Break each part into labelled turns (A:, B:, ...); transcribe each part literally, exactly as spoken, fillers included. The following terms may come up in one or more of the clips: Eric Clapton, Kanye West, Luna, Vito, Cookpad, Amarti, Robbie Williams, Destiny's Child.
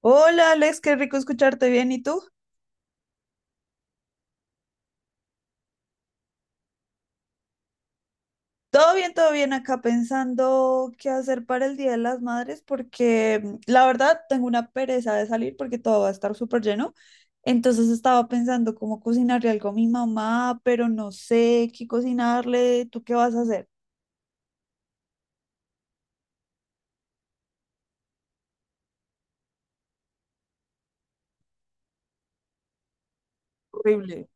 A: Hola Alex, qué rico escucharte bien. ¿Y tú? Todo bien, todo bien acá pensando qué hacer para el Día de las Madres porque mm, la verdad tengo una pereza de salir porque todo va a estar súper lleno. Entonces estaba pensando cómo cocinarle algo a mi mamá, pero no sé qué cocinarle. ¿Tú qué vas a hacer? Horrible.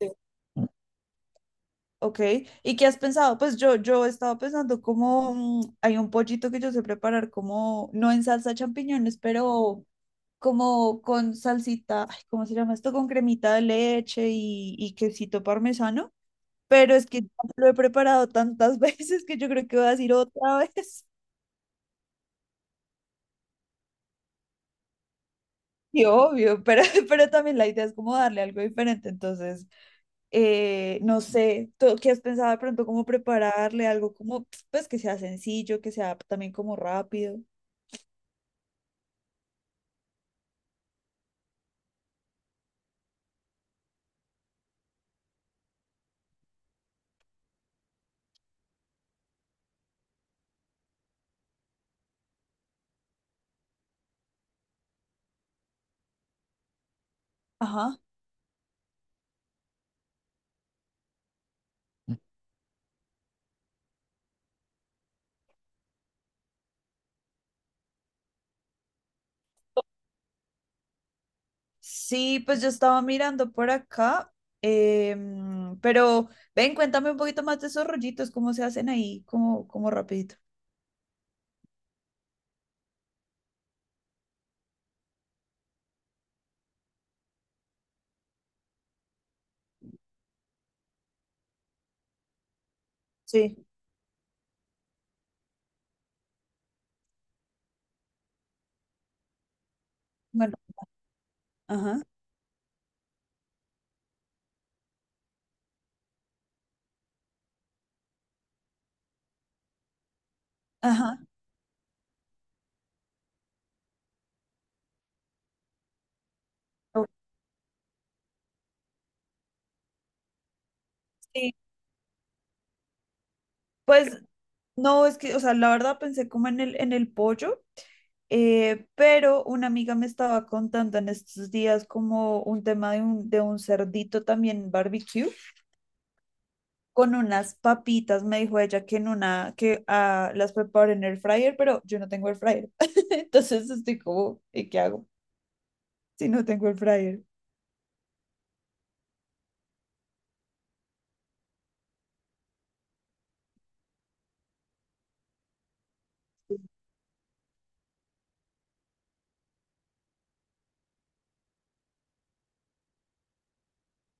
A: Sí. Ok, ¿y qué has pensado? Pues yo, yo estaba pensando como mm, hay un pollito que yo sé preparar como, no en salsa de champiñones, pero como con salsita, ay, ¿cómo se llama esto? Con cremita de leche y, y quesito parmesano, pero es que ya lo he preparado tantas veces que yo creo que voy a decir otra vez. Y obvio, pero, pero también la idea es como darle algo diferente, entonces, eh, no sé, ¿tú qué has pensado de pronto cómo prepararle algo como, pues que sea sencillo, que sea también como rápido? Ajá. Sí, pues yo estaba mirando por acá, em, pero ven, cuéntame un poquito más de esos rollitos, cómo se hacen ahí, como, como rapidito. Sí, bueno, ajá, ajá. o- Sí, pues no, es que, o sea, la verdad pensé como en el, en el pollo, eh, pero una amiga me estaba contando en estos días como un tema de un, de un cerdito también barbecue. Con unas papitas, me dijo ella que en una, que ah, las preparé en el fryer, pero yo no tengo el fryer. Entonces estoy como, ¿y qué hago si no tengo el fryer?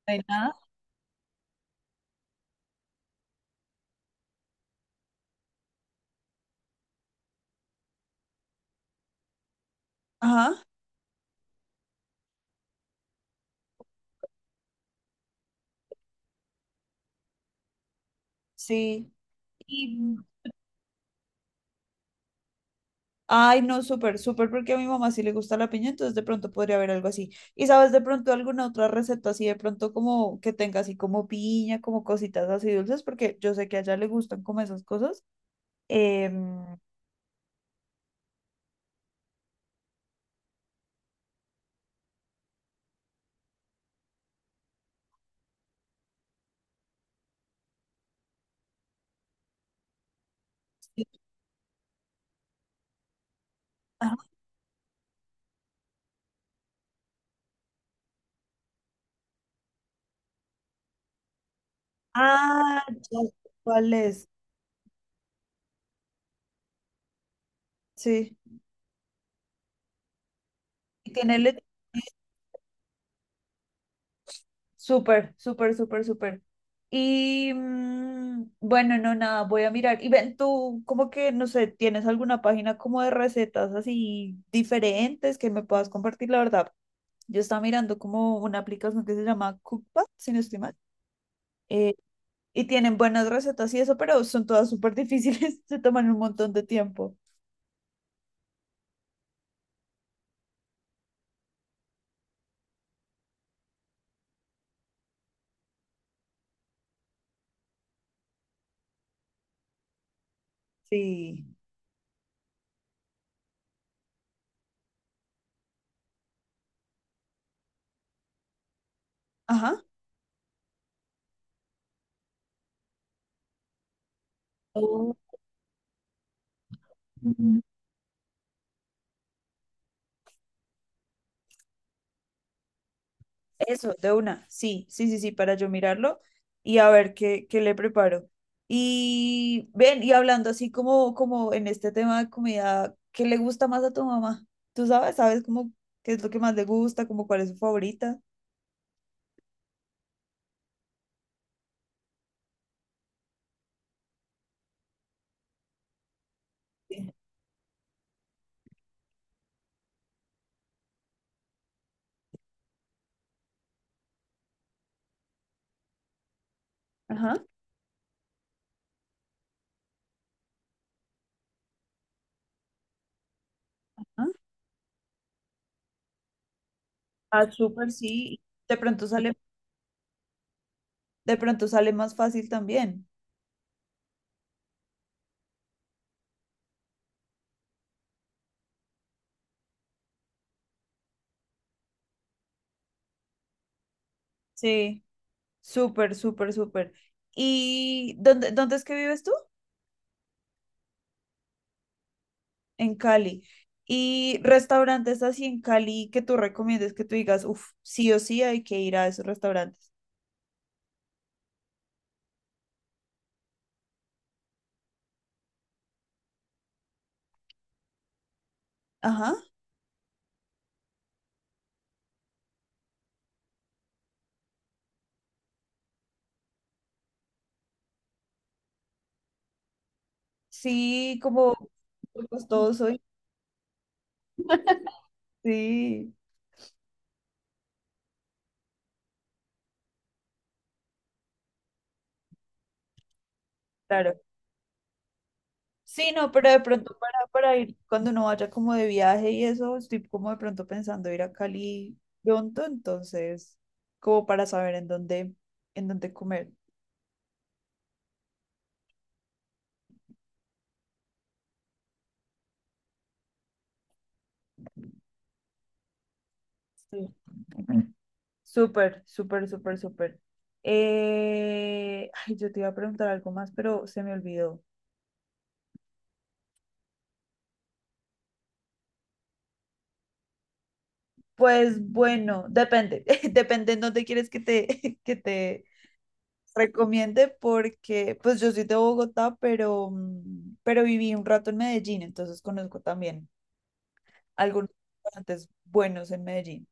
A: No hay nada. Ajá, sí. Y, ay, no, súper, súper, porque a mi mamá sí le gusta la piña, entonces de pronto podría haber algo así. ¿Y sabes de pronto alguna otra receta así, de pronto como que tenga así como piña, como cositas así dulces? Porque yo sé que a ella le gustan como esas cosas. Em, sí. Ajá. Ah, ya sé, ¿cuál es? Sí. Y tenerle súper, súper, súper, súper. Y mm, bueno, no, nada, voy a mirar. Y ven, tú, como que, no sé, ¿tienes alguna página como de recetas así diferentes que me puedas compartir? La verdad, yo estaba mirando como una aplicación que se llama Cookpad, si no estoy mal. eh, y tienen buenas recetas y eso, pero son todas súper difíciles, se toman un montón de tiempo. Sí. Ajá. Oh. Eso, de una. Sí, sí, sí, sí, para yo mirarlo y a ver qué, qué le preparo. Y ven, y hablando así como, como en este tema de comida, ¿qué le gusta más a tu mamá? ¿Tú sabes? ¿Sabes cómo qué es lo que más le gusta? ¿Cómo cuál es su favorita? Sí. Ajá. Ah, ah, súper, sí. De pronto sale, de pronto sale más fácil también. Sí, súper, súper, súper. ¿Y dónde, dónde es que vives tú? En Cali. Y restaurantes así en Cali que tú recomiendes que tú digas, uff, sí o sí hay que ir a esos restaurantes. Ajá, sí, como costoso. y- Sí, claro. Sí, no, pero de pronto para, para ir, cuando uno vaya como de viaje y eso, estoy como de pronto pensando ir a Cali pronto, entonces, como para saber en dónde, en dónde comer. Sí. Súper, súper, súper, súper. Eh, ay, yo te iba a preguntar algo más, pero se me olvidó. Pues bueno, depende, depende en dónde quieres que te, que te recomiende, porque pues yo soy de Bogotá, pero, mm, pero viví un rato en Medellín, entonces conozco también algunos restaurantes buenos en Medellín.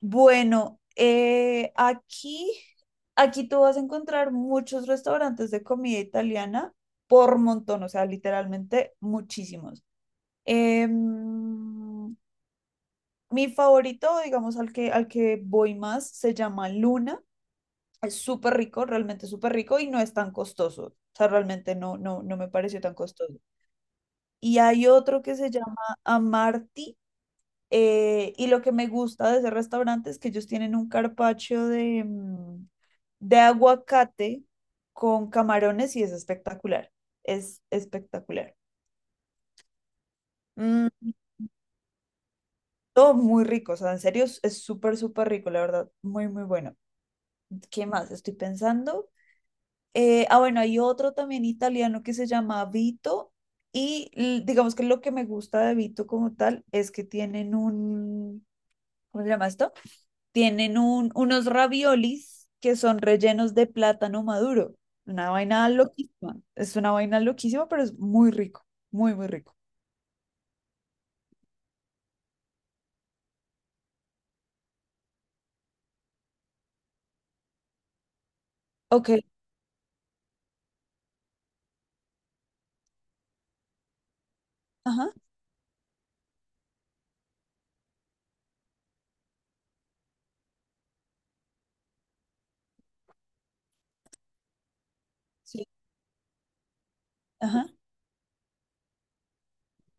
A: Bueno, eh, aquí, aquí tú vas a encontrar muchos restaurantes de comida italiana por montón, o sea, literalmente muchísimos. Em, mi favorito, digamos, al que, al que voy más, se llama Luna. Es súper rico, realmente súper rico y no es tan costoso. O sea, realmente no, no, no me pareció tan costoso. Y hay otro que se llama Amarti. Eh, y lo que me gusta de ese restaurante es que ellos tienen un carpaccio de, mm, de aguacate con camarones y es espectacular. Es espectacular. Mm, todo muy rico, o sea, en serio es es súper, súper rico, la verdad, muy, muy bueno. ¿Qué más? Estoy pensando. Eh, ah, bueno, hay otro también italiano que se llama Vito y l- digamos que lo que me gusta de Vito como tal es que tienen un, ¿cómo se llama esto? Tienen un, unos raviolis que son rellenos de plátano maduro. Una vaina loquísima. Es una vaina loquísima, pero es muy rico, muy, muy rico. Ok, ajá, sí, ajá.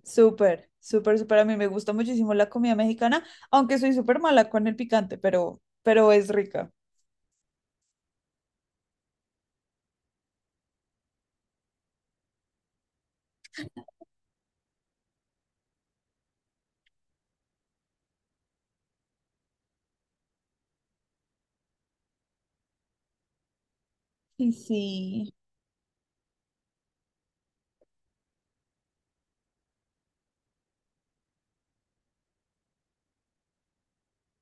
A: Súper, súper, súper. A mí me gusta muchísimo la comida mexicana, aunque soy súper mala con el picante, pero, pero es rica. Y sí.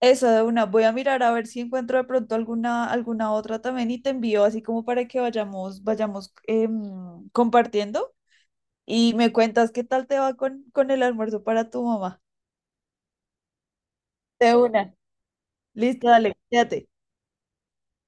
A: Eso de una, voy a mirar a ver si encuentro de pronto alguna, alguna otra también y te envío así como para que vayamos, vayamos em, compartiendo. Y me cuentas qué tal te va con, con el almuerzo para tu mamá. De una. Listo, dale, quédate.